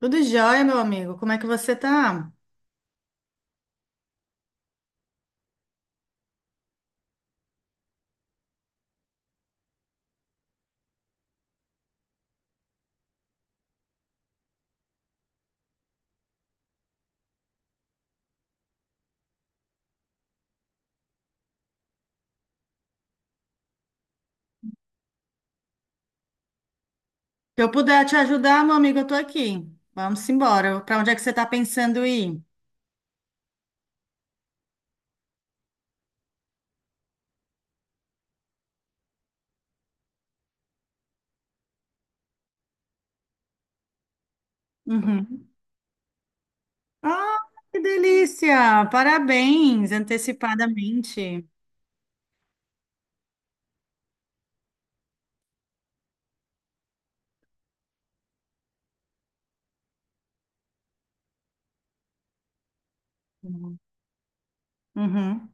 Tudo jóia, meu amigo. Como é que você tá? Se eu puder te ajudar, meu amigo, eu tô aqui. Vamos embora. Para onde é que você tá pensando ir? Uhum. Ah, que delícia! Parabéns, antecipadamente. Uhum. Uhum.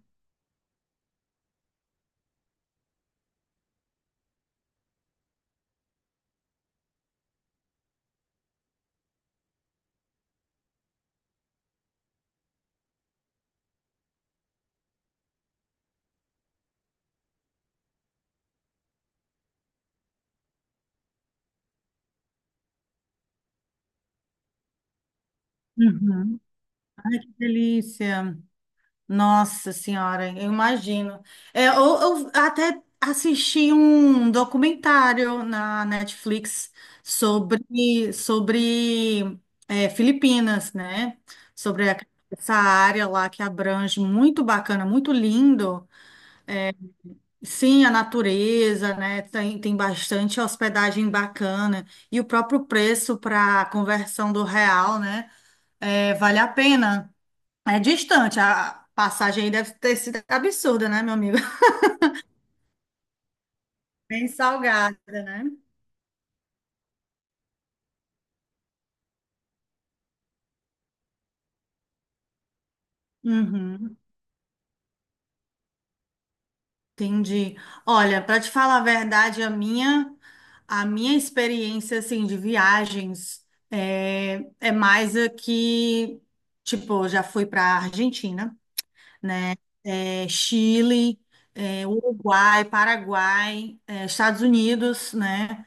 Uhum. Que delícia! Nossa Senhora, eu imagino. É, eu até assisti um documentário na Netflix sobre Filipinas, né? Sobre a- essa área lá que abrange, muito bacana, muito lindo. Sim, a natureza, né? Tem bastante hospedagem bacana. E o próprio preço para a conversão do real, né? É, vale a pena. É distante, a passagem aí deve ter sido absurda, né, meu amigo? Bem salgada, né? Uhum, entendi. Olha, para te falar a verdade, a minha experiência assim de viagens é, é mais aqui, tipo, eu já fui para Argentina, né? É, Chile, é, Uruguai, Paraguai, é, Estados Unidos, né?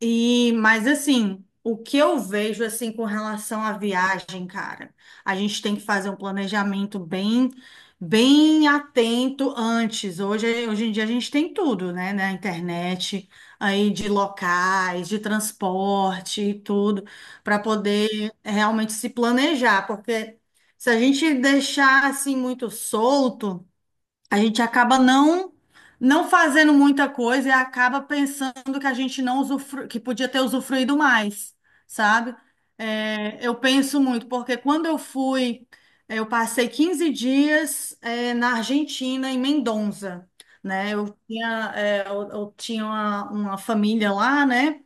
E, mas assim, o que eu vejo assim com relação à viagem, cara, a gente tem que fazer um planejamento bem, bem atento antes. Hoje em dia a gente tem tudo, né, na internet, aí de locais, de transporte e tudo, para poder realmente se planejar, porque se a gente deixar assim muito solto a gente acaba não fazendo muita coisa e acaba pensando que a gente não que podia ter usufruído mais, sabe? É, eu penso muito, porque quando eu fui, eu passei 15 dias, é, na Argentina, em Mendoza, né? Eu tinha, é, eu tinha uma família lá, né?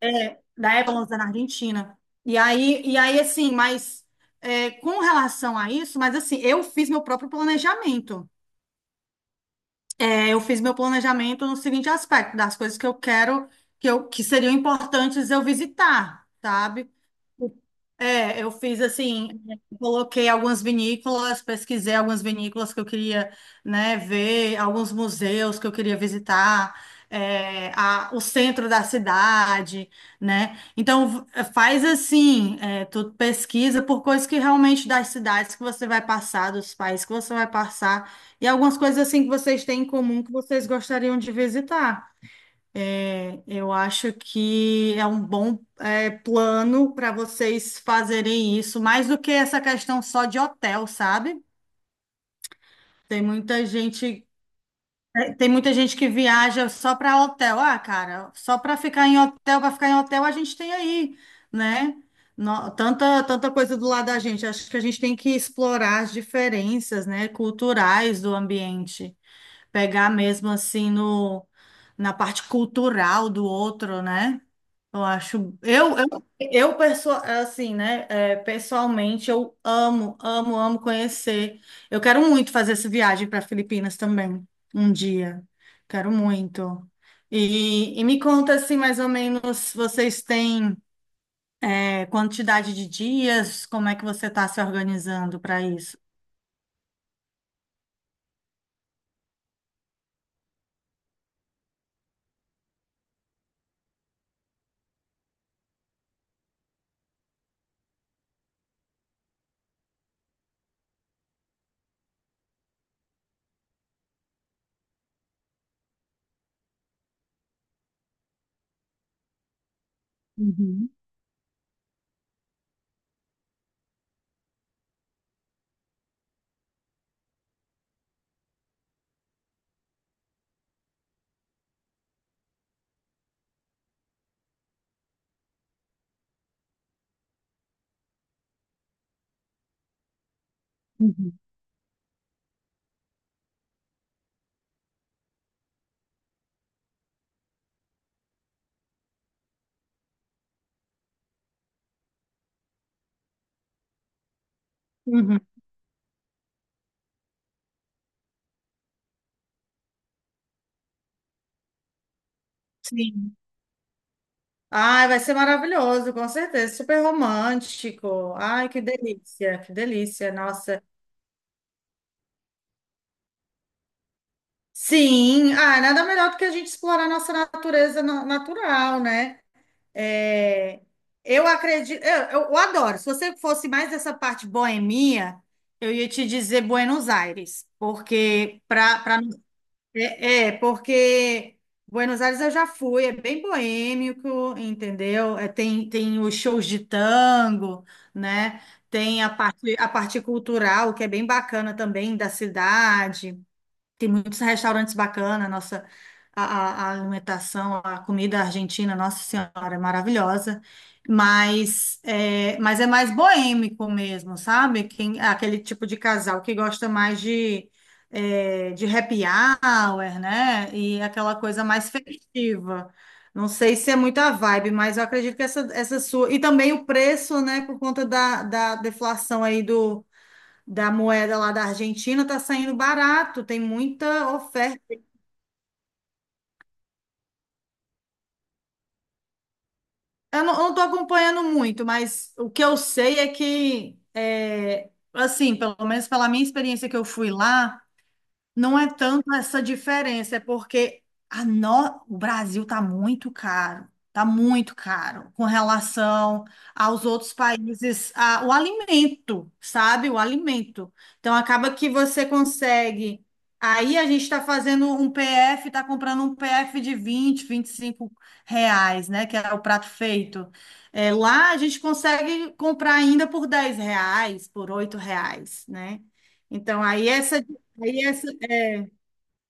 É, da época na Argentina. E aí assim, mas é, com relação a isso, mas assim, eu fiz meu próprio planejamento. É, eu fiz meu planejamento no seguinte aspecto, das coisas que eu quero, que seriam importantes eu visitar, sabe? É, eu fiz assim, coloquei algumas vinícolas, pesquisei algumas vinícolas que eu queria, né, ver, alguns museus que eu queria visitar, o centro da cidade, né? Então faz assim, é, tu pesquisa por coisas que realmente das cidades que você vai passar, dos países que você vai passar, e algumas coisas assim que vocês têm em comum que vocês gostariam de visitar. Eu acho que é um bom é, plano para vocês fazerem isso, mais do que essa questão só de hotel, sabe? Tem muita gente, é, tem muita gente que viaja só para hotel. Ah, cara, só para ficar em hotel, para ficar em hotel, a gente tem aí, né? Tanta coisa do lado da gente. Acho que a gente tem que explorar as diferenças, né, culturais do ambiente. Pegar mesmo assim no, na parte cultural do outro, né? Eu acho, assim, né? É, pessoalmente, eu amo, amo, amo conhecer. Eu quero muito fazer essa viagem para Filipinas também, um dia. Quero muito. E me conta assim, mais ou menos, vocês têm é, quantidade de dias? Como é que você está se organizando para isso? Uhum. Uhum. Sim. Ai, vai ser maravilhoso, com certeza. Super romântico. Ai, que delícia, que delícia. Nossa. Sim, ah, nada melhor do que a gente explorar nossa natureza natural, né? É, eu acredito, adoro. Se você fosse mais dessa parte boemia, eu ia te dizer Buenos Aires, porque porque Buenos Aires eu já fui, é bem boêmico, entendeu? É, tem os shows de tango, né? Tem a parte cultural que é bem bacana também da cidade. Tem muitos restaurantes bacanas, nossa, a alimentação, a comida argentina, Nossa Senhora, é maravilhosa. Mas é mais boêmico mesmo, sabe? Quem, aquele tipo de casal que gosta mais de happy hour, né? E aquela coisa mais festiva. Não sei se é muita vibe, mas eu acredito que essa sua. E também o preço, né? Por conta da deflação aí da moeda lá da Argentina tá saindo barato, tem muita oferta. Eu não tô acompanhando muito, mas o que eu sei é que, é, assim, pelo menos pela minha experiência que eu fui lá, não é tanto essa diferença, é porque a no... o Brasil está muito caro com relação aos outros países, o alimento, sabe? O alimento. Então acaba que você consegue. Aí a gente está fazendo um PF, está comprando um PF de 25 reais, né? Que é o prato feito. É, lá a gente consegue comprar ainda por 10 reais, por 8 reais, né? Então aí essa. Aí essa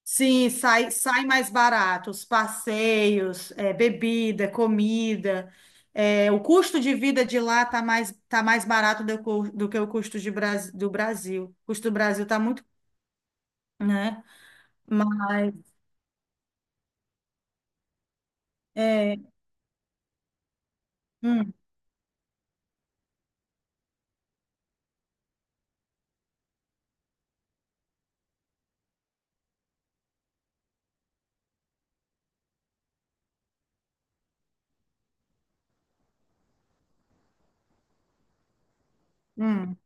Sim, sai, sai mais barato, os passeios, é, bebida, comida, é, o custo de vida de lá tá mais barato do que o custo do Brasil. O custo do Brasil tá muito, né? Mas, é, hum, hum.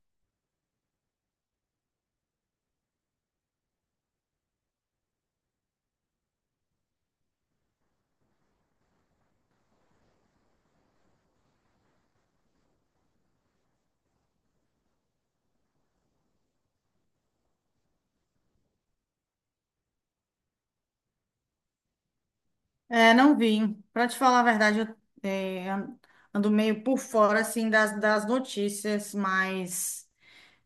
É, não vim. Para te falar a verdade, eu é, an- ando meio por fora, assim, das notícias mais.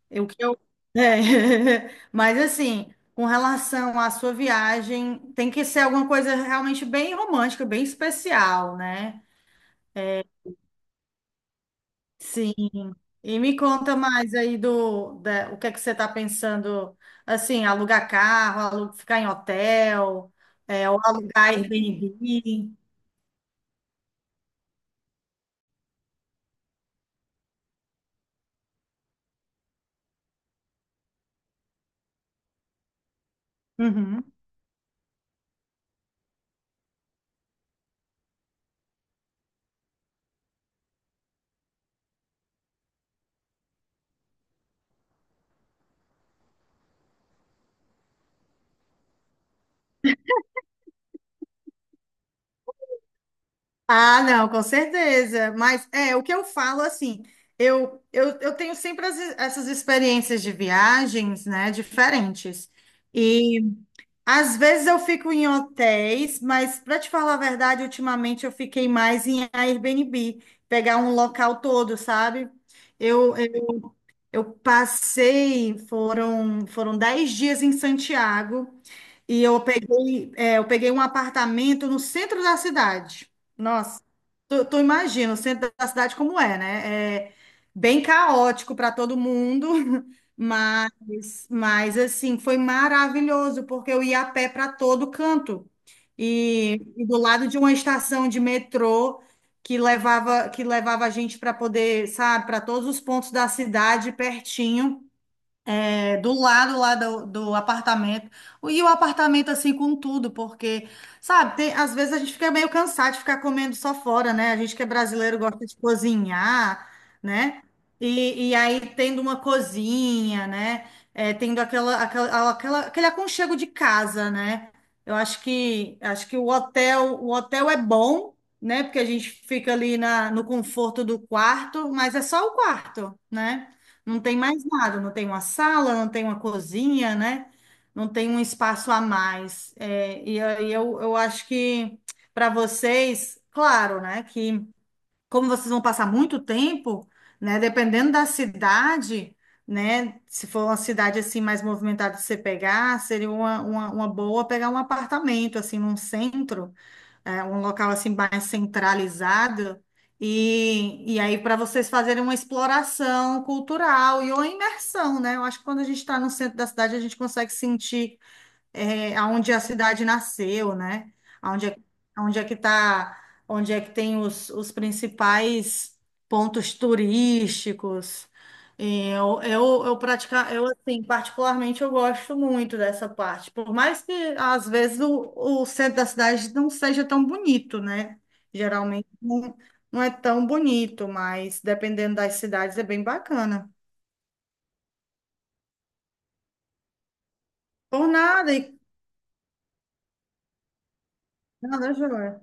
É o que eu... É. Mas assim, com relação à sua viagem, tem que ser alguma coisa realmente bem romântica, bem especial, né? Sim. E me conta mais aí o que é que você está pensando, assim, alugar carro, ficar em hotel, é, ou alugar Airbnb. Uhum. Ah, não, com certeza. Mas é o que eu falo assim, eu tenho sempre essas experiências de viagens, né, diferentes. E às vezes eu fico em hotéis, mas para te falar a verdade, ultimamente eu fiquei mais em Airbnb, pegar um local todo, sabe? Eu, eu, foram 10 dias em Santiago. E eu peguei um apartamento no centro da cidade. Nossa, tu imagina o centro da cidade como é, né? É bem caótico para todo mundo, mas assim, foi maravilhoso, porque eu ia a pé para todo canto. E do lado de uma estação de metrô que levava a gente para poder, sabe, para todos os pontos da cidade pertinho é, do lado lá do apartamento. E o apartamento assim com tudo, porque, sabe, às vezes a gente fica meio cansado de ficar comendo só fora, né? A gente que é brasileiro gosta de cozinhar, né? E aí tendo uma cozinha, né? É, tendo aquele aconchego de casa, né? Eu acho que o hotel é bom, né? Porque a gente fica ali no conforto do quarto, mas é só o quarto, né? Não tem mais nada, não tem uma sala, não tem uma cozinha, né? Não tem um espaço a mais. É, e aí eu acho que para vocês, claro, né? Que como vocês vão passar muito tempo, né? Dependendo da cidade, né? Se for uma cidade assim mais movimentada de você pegar, seria uma boa pegar um apartamento assim num centro é, um local assim mais centralizado. E aí, para vocês fazerem uma exploração cultural e uma imersão, né? Eu acho que quando a gente está no centro da cidade, a gente consegue sentir é, aonde a cidade nasceu, né? Aonde é, aonde é que tá, onde é que tem os principais pontos turísticos. E Eu assim, particularmente eu gosto muito dessa parte, por mais que às vezes o centro da cidade não seja tão bonito, né? Geralmente não é tão bonito, mas dependendo das cidades é bem bacana. Por nada, e nada, joia.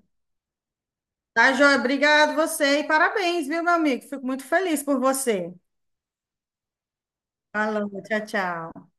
Tá, joia? Obrigado você e parabéns, viu, meu amigo? Fico muito feliz por você. Falou, tchau, tchau.